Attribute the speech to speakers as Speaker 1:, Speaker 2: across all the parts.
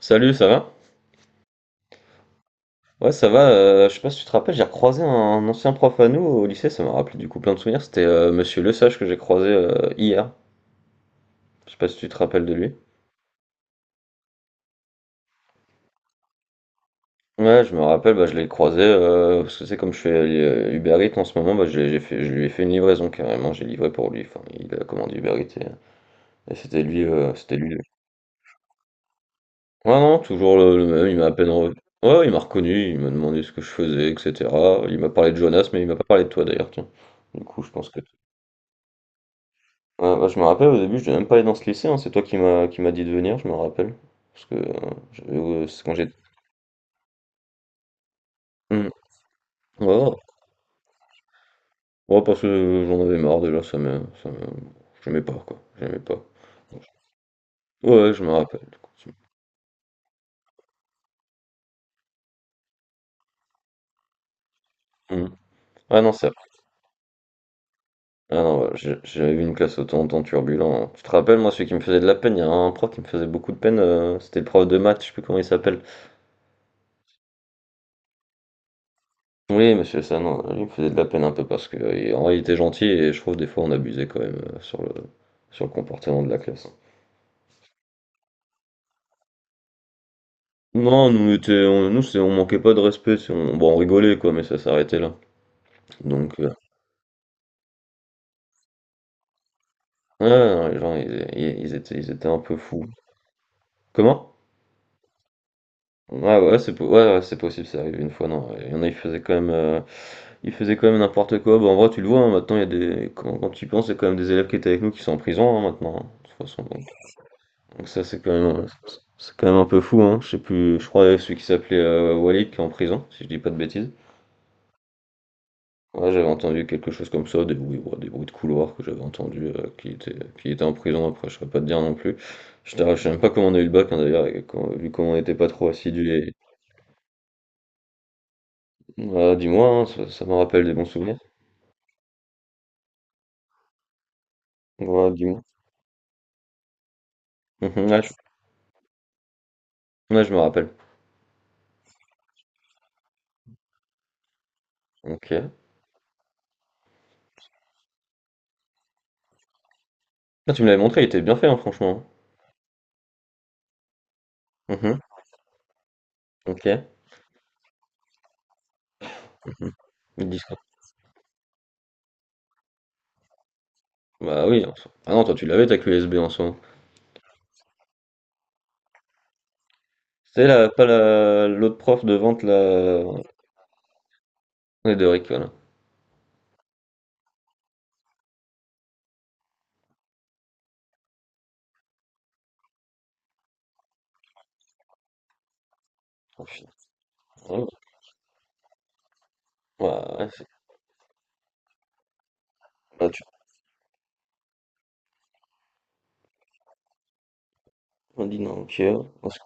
Speaker 1: Salut, ça va? Ouais, ça va. Je sais pas si tu te rappelles, j'ai recroisé un ancien prof à nous au lycée, ça m'a rappelé du coup plein de souvenirs. C'était Monsieur Lesage que j'ai croisé hier. Je sais pas si tu te rappelles de lui. Ouais, je me rappelle, bah, je l'ai croisé parce que c'est comme je fais Uber Eats en ce moment, bah, j'ai fait, je lui ai fait une livraison carrément, j'ai livré pour lui. Enfin, il a commandé Uber Eats et, c'était lui. Ouais, non, toujours le même, il m'a à peine. Ouais, il m'a reconnu, il m'a demandé ce que je faisais, etc. Il m'a parlé de Jonas, mais il m'a pas parlé de toi d'ailleurs, tiens. Du coup, je pense que. Ouais, bah, je me rappelle au début, je devais même pas aller dans ce lycée, hein. C'est toi qui m'a dit de venir, je me rappelle. Parce que c'est quand j'étais. Hmm. Ouais, ouais, ouais, parce que j'en avais marre déjà, ça me. Ça me. J'aimais pas, quoi. J'aimais pas. Ouais, je me rappelle. Hmm. Ah non, c'est après. Ah non, ouais, j'avais eu une classe autant turbulente. Tu te rappelles, moi, celui qui me faisait de la peine, il y a un prof qui me faisait beaucoup de peine, c'était le prof de maths, je sais plus comment il s'appelle. Oui, monsieur ça non, lui il me faisait de la peine un peu parce que, en vrai il était gentil et je trouve des fois on abusait quand même, sur le comportement de la classe, hein. Non, nous on était on nous c'est on manquait pas de respect, c'est on bon on rigolait quoi, mais ça s'arrêtait là. Donc, ouais, non, les gens ils étaient un peu fous. Comment? Ouais, ouais, c'est po ouais, ouais, c'est possible, c'est arrivé une fois, non, il y en a ils faisaient quand même n'importe quoi. Bah, en vrai tu le vois, hein, maintenant il y a des quand quand tu y penses, il y a quand même des élèves qui étaient avec nous qui sont en prison, hein, maintenant, hein, de toute façon bon. Donc ça c'est quand même un peu fou, hein. Je sais plus, je crois que celui qui s'appelait Walid qui est en prison, si je dis pas de bêtises. Ouais, j'avais entendu quelque chose comme ça, des bruits, ouais, des bruits de couloir que j'avais entendu qui était en prison après je saurais pas te dire non plus. Je t'avoue, sais même pas comment on a eu le bac, hein, d'ailleurs et vu comment on n'était pas trop assidus et Ouais, dis-moi, hein, ça me rappelle des bons souvenirs. Ouais, dis-moi. Mhm, ouais, je me rappelle. OK. Ah, tu me l'avais montré, il était bien fait, hein, franchement. Hein. Mhm, OK. Le disque. Bah oui, en soi. Ah non, toi tu l'avais ta clé USB en soi. C'est la, pas la, l'autre prof de vente là, et de Rick, voilà. Oh, putain. Ouais, ouais, ah, tu on dit non, ok. Parce que-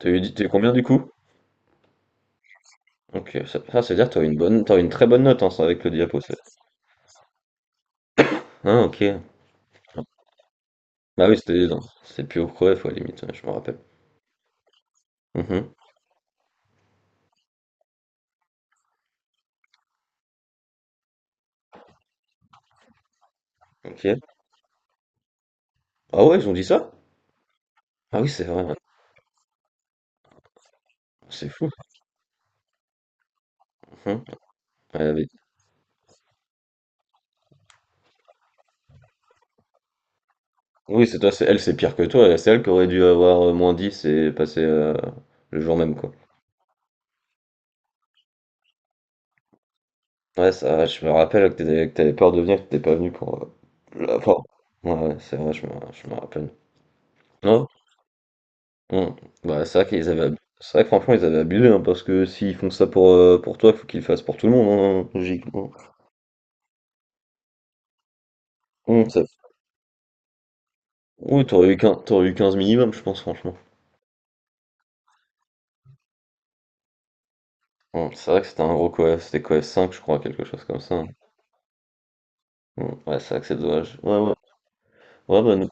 Speaker 1: T'as eu combien du coup? Ok, ça, ah, c'est-à-dire que t'as eu une très bonne note, hein, ça, avec le diapo. Ah, ok. Bah oui, c'était non, c'était plus au creux, fois limite, ouais, je me rappelle. Mhm, Ok. Ah ouais, ils ont dit ça? Ah oui, c'est vrai, ouais. C'est fou. Mhm. Elle avait- Oui, c'est toi, c'est elle, c'est pire que toi. C'est elle qui aurait dû avoir moins 10 et passer le jour même, quoi. Ouais, ça je me rappelle que que t'avais peur de venir, que t'étais pas venu pour la fin Ouais, ouais, c'est vrai, je me rappelle. Non, non. Bah, c'est vrai que franchement, ils avaient abusé, hein, parce que s'ils font ça pour toi, il faut qu'ils le fassent pour tout le monde, hein, logiquement. Hum. Oui, t'aurais eu 15, t'aurais eu 15 minimum, je pense, franchement. C'est vrai que c'était un gros coef, c'était coef 5, je crois, quelque chose comme ça, hein. Ouais, c'est vrai que c'est dommage. Ouais, ouais. Ouais, bah,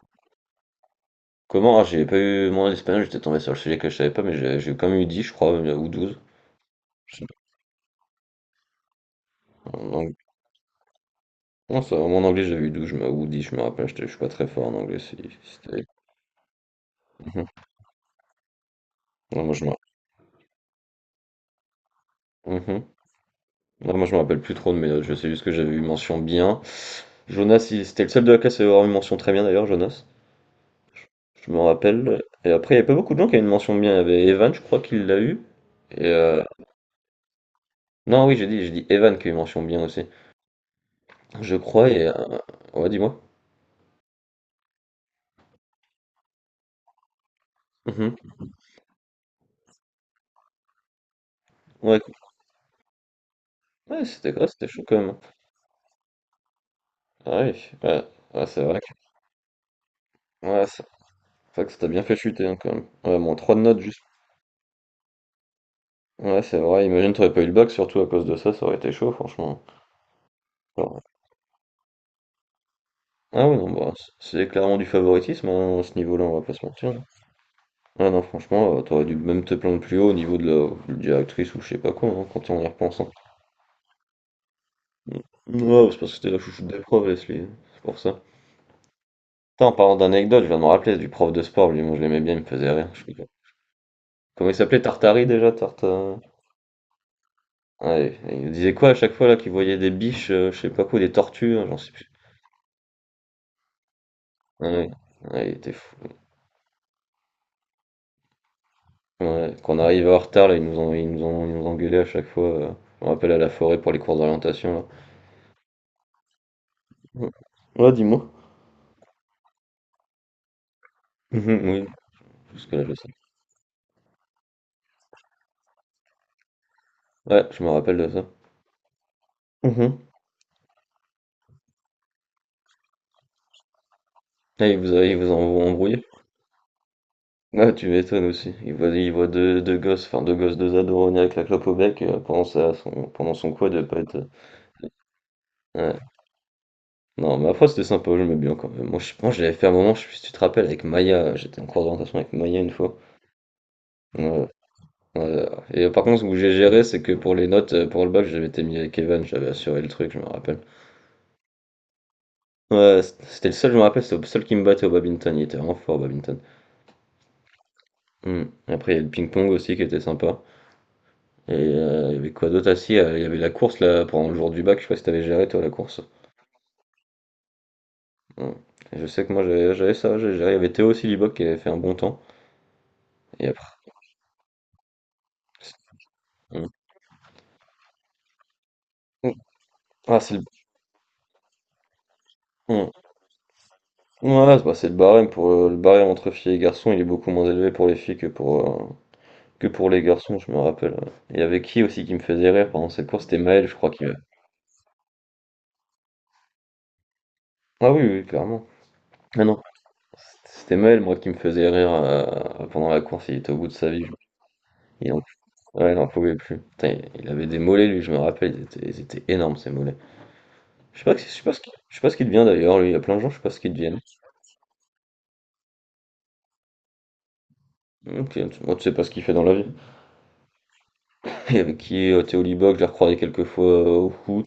Speaker 1: comment? Ah, j'ai pas eu, moi, l'espagnol, j'étais tombé sur le sujet que je savais pas, mais j'ai quand même eu dix, je crois, ou 12 Je sais pas. Donc, Non, ça mon anglais, j'avais eu 12, ou 10, je me rappelle, je suis pas très fort en anglais. Si, c'était- Mhm. Non, moi. Mhm. Non, moi, je me rappelle plus trop de mes notes, je sais juste que j'avais eu mention bien. Jonas, c'était le seul de la classe à avoir une mention très bien d'ailleurs, Jonas, je me rappelle. Et après, il n'y a pas beaucoup de gens qui avaient une mention bien, il y avait Evan, je crois qu'il l'a eu. Et euh, Non, oui, j'ai dit Evan qui a eu mention bien aussi, je crois, Ouais, dis-moi. Mhm. Ouais, ouais, c'était quoi, c'était chaud quand même. Ah oui, ouais, ouais, c'est vrai que. Ouais, c'est vrai que ça t'a bien fait chuter, hein, quand même. Ouais, moins 3 de notes Ouais, c'est vrai, imagine, t'aurais pas eu le bac, surtout à cause de ça, ça aurait été chaud, franchement. Alors, Ah oui, non, bah, c'est clairement du favoritisme, hein, à ce niveau-là, on va pas se mentir, hein. Ah non, franchement, t'aurais dû même te plaindre plus haut au niveau de la directrice ou je sais pas quoi, hein, quand on y repense, hein. Mm. Ouais, c'est parce que c'était la chouchoute des profs, Leslie, hein, c'est pour ça. Putain, en parlant d'anecdote, je viens de me rappeler du prof de sport, lui, moi je l'aimais bien, il me faisait rire. Je sais pas. Comment il s'appelait, Tartari déjà, Ouais, il nous disait quoi à chaque fois là qu'il voyait des biches, je sais pas quoi, des tortues, hein, j'en sais plus. Ouais, ouais, il était fou. Ouais, quand on arrivait en retard, là, ils nous ont, ils nous ont, ils nous ont engueulaient à chaque fois. Je me rappelle à la forêt pour les cours d'orientation, là. Ouais, ouais, dis-moi. Mhm, oui, parce que là, je sais. Ouais, je me rappelle de ça. Mhm. Ah, ils vous ont embrouillé? Ah, tu m'étonnes aussi. Il voit deux gosses, enfin deux gosses, deux ados revenir avec la clope au bec pendant son quad, de pas être. Ouais. Non, mais après, c'était sympa, je me bien quand même. Moi, je l'avais fait un moment, je sais pas si tu te rappelles, avec Maya, j'étais en cours d'orientation avec Maya une fois. Ouais, ouais. Et par contre, ce que j'ai géré, c'est que pour les notes, pour le bac, j'avais été mis avec Evan, j'avais assuré le truc, je me rappelle. Ouais, c'était le seul, je me rappelle, c'était le seul qui me battait au badminton, il était vraiment fort au badminton. Hmm. Après, il y a le ping-pong aussi qui était sympa. Et il y avait quoi d'autre? Ah si, il y avait la course là, pendant le jour du bac, je sais pas si t'avais géré toi la course. Hmm. Et je sais que moi j'avais ça, j'ai géré. Il y avait Théo aussi, Liboc, qui avait fait un bon temps. Et après. Hmm. Hmm. Ah, c'est le. Hmm. Ouais, c'est le barème pour le barème entre filles et garçons, il est beaucoup moins élevé pour les filles que que pour les garçons, je me rappelle. Ouais. Il y avait qui aussi qui me faisait rire pendant cette course? C'était Maël, je crois qui me. Ah oui, oui, clairement. Ah non, c'était Maël, moi, qui me faisait rire pendant la course. Il était au bout de sa vie. Il en. Ouais, il en pouvait plus. Putain, il avait des mollets, lui, je me rappelle. Ils étaient énormes, ces mollets. Je sais pas ce qu'il devient d'ailleurs, lui. Il y a plein de gens, je sais pas ce qu'ils deviennent. Ok, moi, tu sais pas ce qu'il fait dans la vie. Il y avait qui? Théo Libac, je l'ai recroisé quelques fois au foot.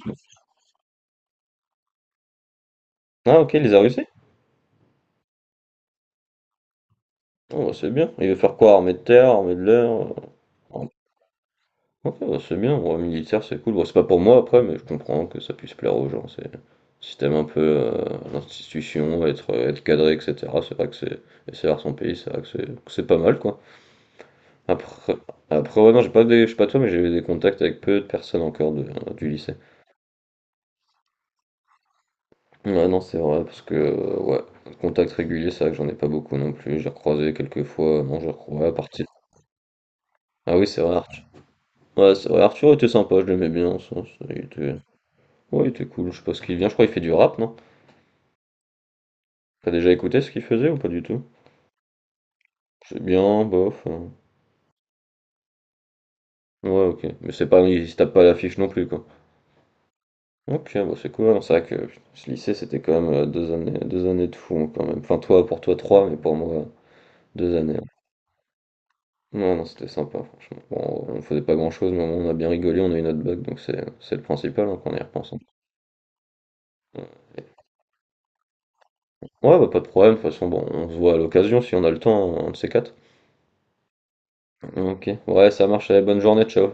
Speaker 1: Ah, ok, il les a réussi? Oh, bah, c'est bien. Il veut faire quoi? Armée de terre, armée de l'air? euh, OK, ouais, c'est bien, ouais, militaire, c'est cool. Bon, c'est pas pour moi après, mais je comprends que ça puisse plaire aux gens. C'est un système un peu l'institution, être cadré, etc. C'est vrai que c'est et servir son pays, c'est vrai que c'est pas mal quoi. Après, après, ouais, non, j'ai pas des, je sais pas toi, mais j'ai eu des contacts avec peu de personnes encore du lycée. Ouais, non, c'est vrai, parce que ouais, contact régulier, c'est vrai que j'en ai pas beaucoup non plus. J'ai recroisé quelques fois, non, j'ai recroisé à partir. Ah oui, c'est vrai, Arthur. Ouais, c'est vrai, Arthur était sympa, je l'aimais bien en sens. Il était. Ouais, il était cool, je sais pas ce qu'il vient, je crois qu'il fait du rap, non? T'as déjà écouté ce qu'il faisait ou pas du tout? C'est bien, bof. Ouais, ok. Mais c'est pas, il se tape pas à l'affiche non plus, quoi. Ok, bah c'est cool, hein. C'est vrai que putain, ce lycée, c'était quand même deux années de fou, hein, quand même. Enfin, toi, pour toi, trois, mais pour moi, deux années, hein. Non, non, c'était sympa, franchement. Bon, on faisait pas grand-chose, mais au moins, on a bien rigolé, on a eu notre bac, donc c'est le principal, hein, quand on y repense, hein. Ouais, bah pas de problème. De toute façon, bon, on se voit à l'occasion si on a le temps, hein, un de ces quatre. Ok. Ouais, ça marche. Allez, bonne journée, ciao.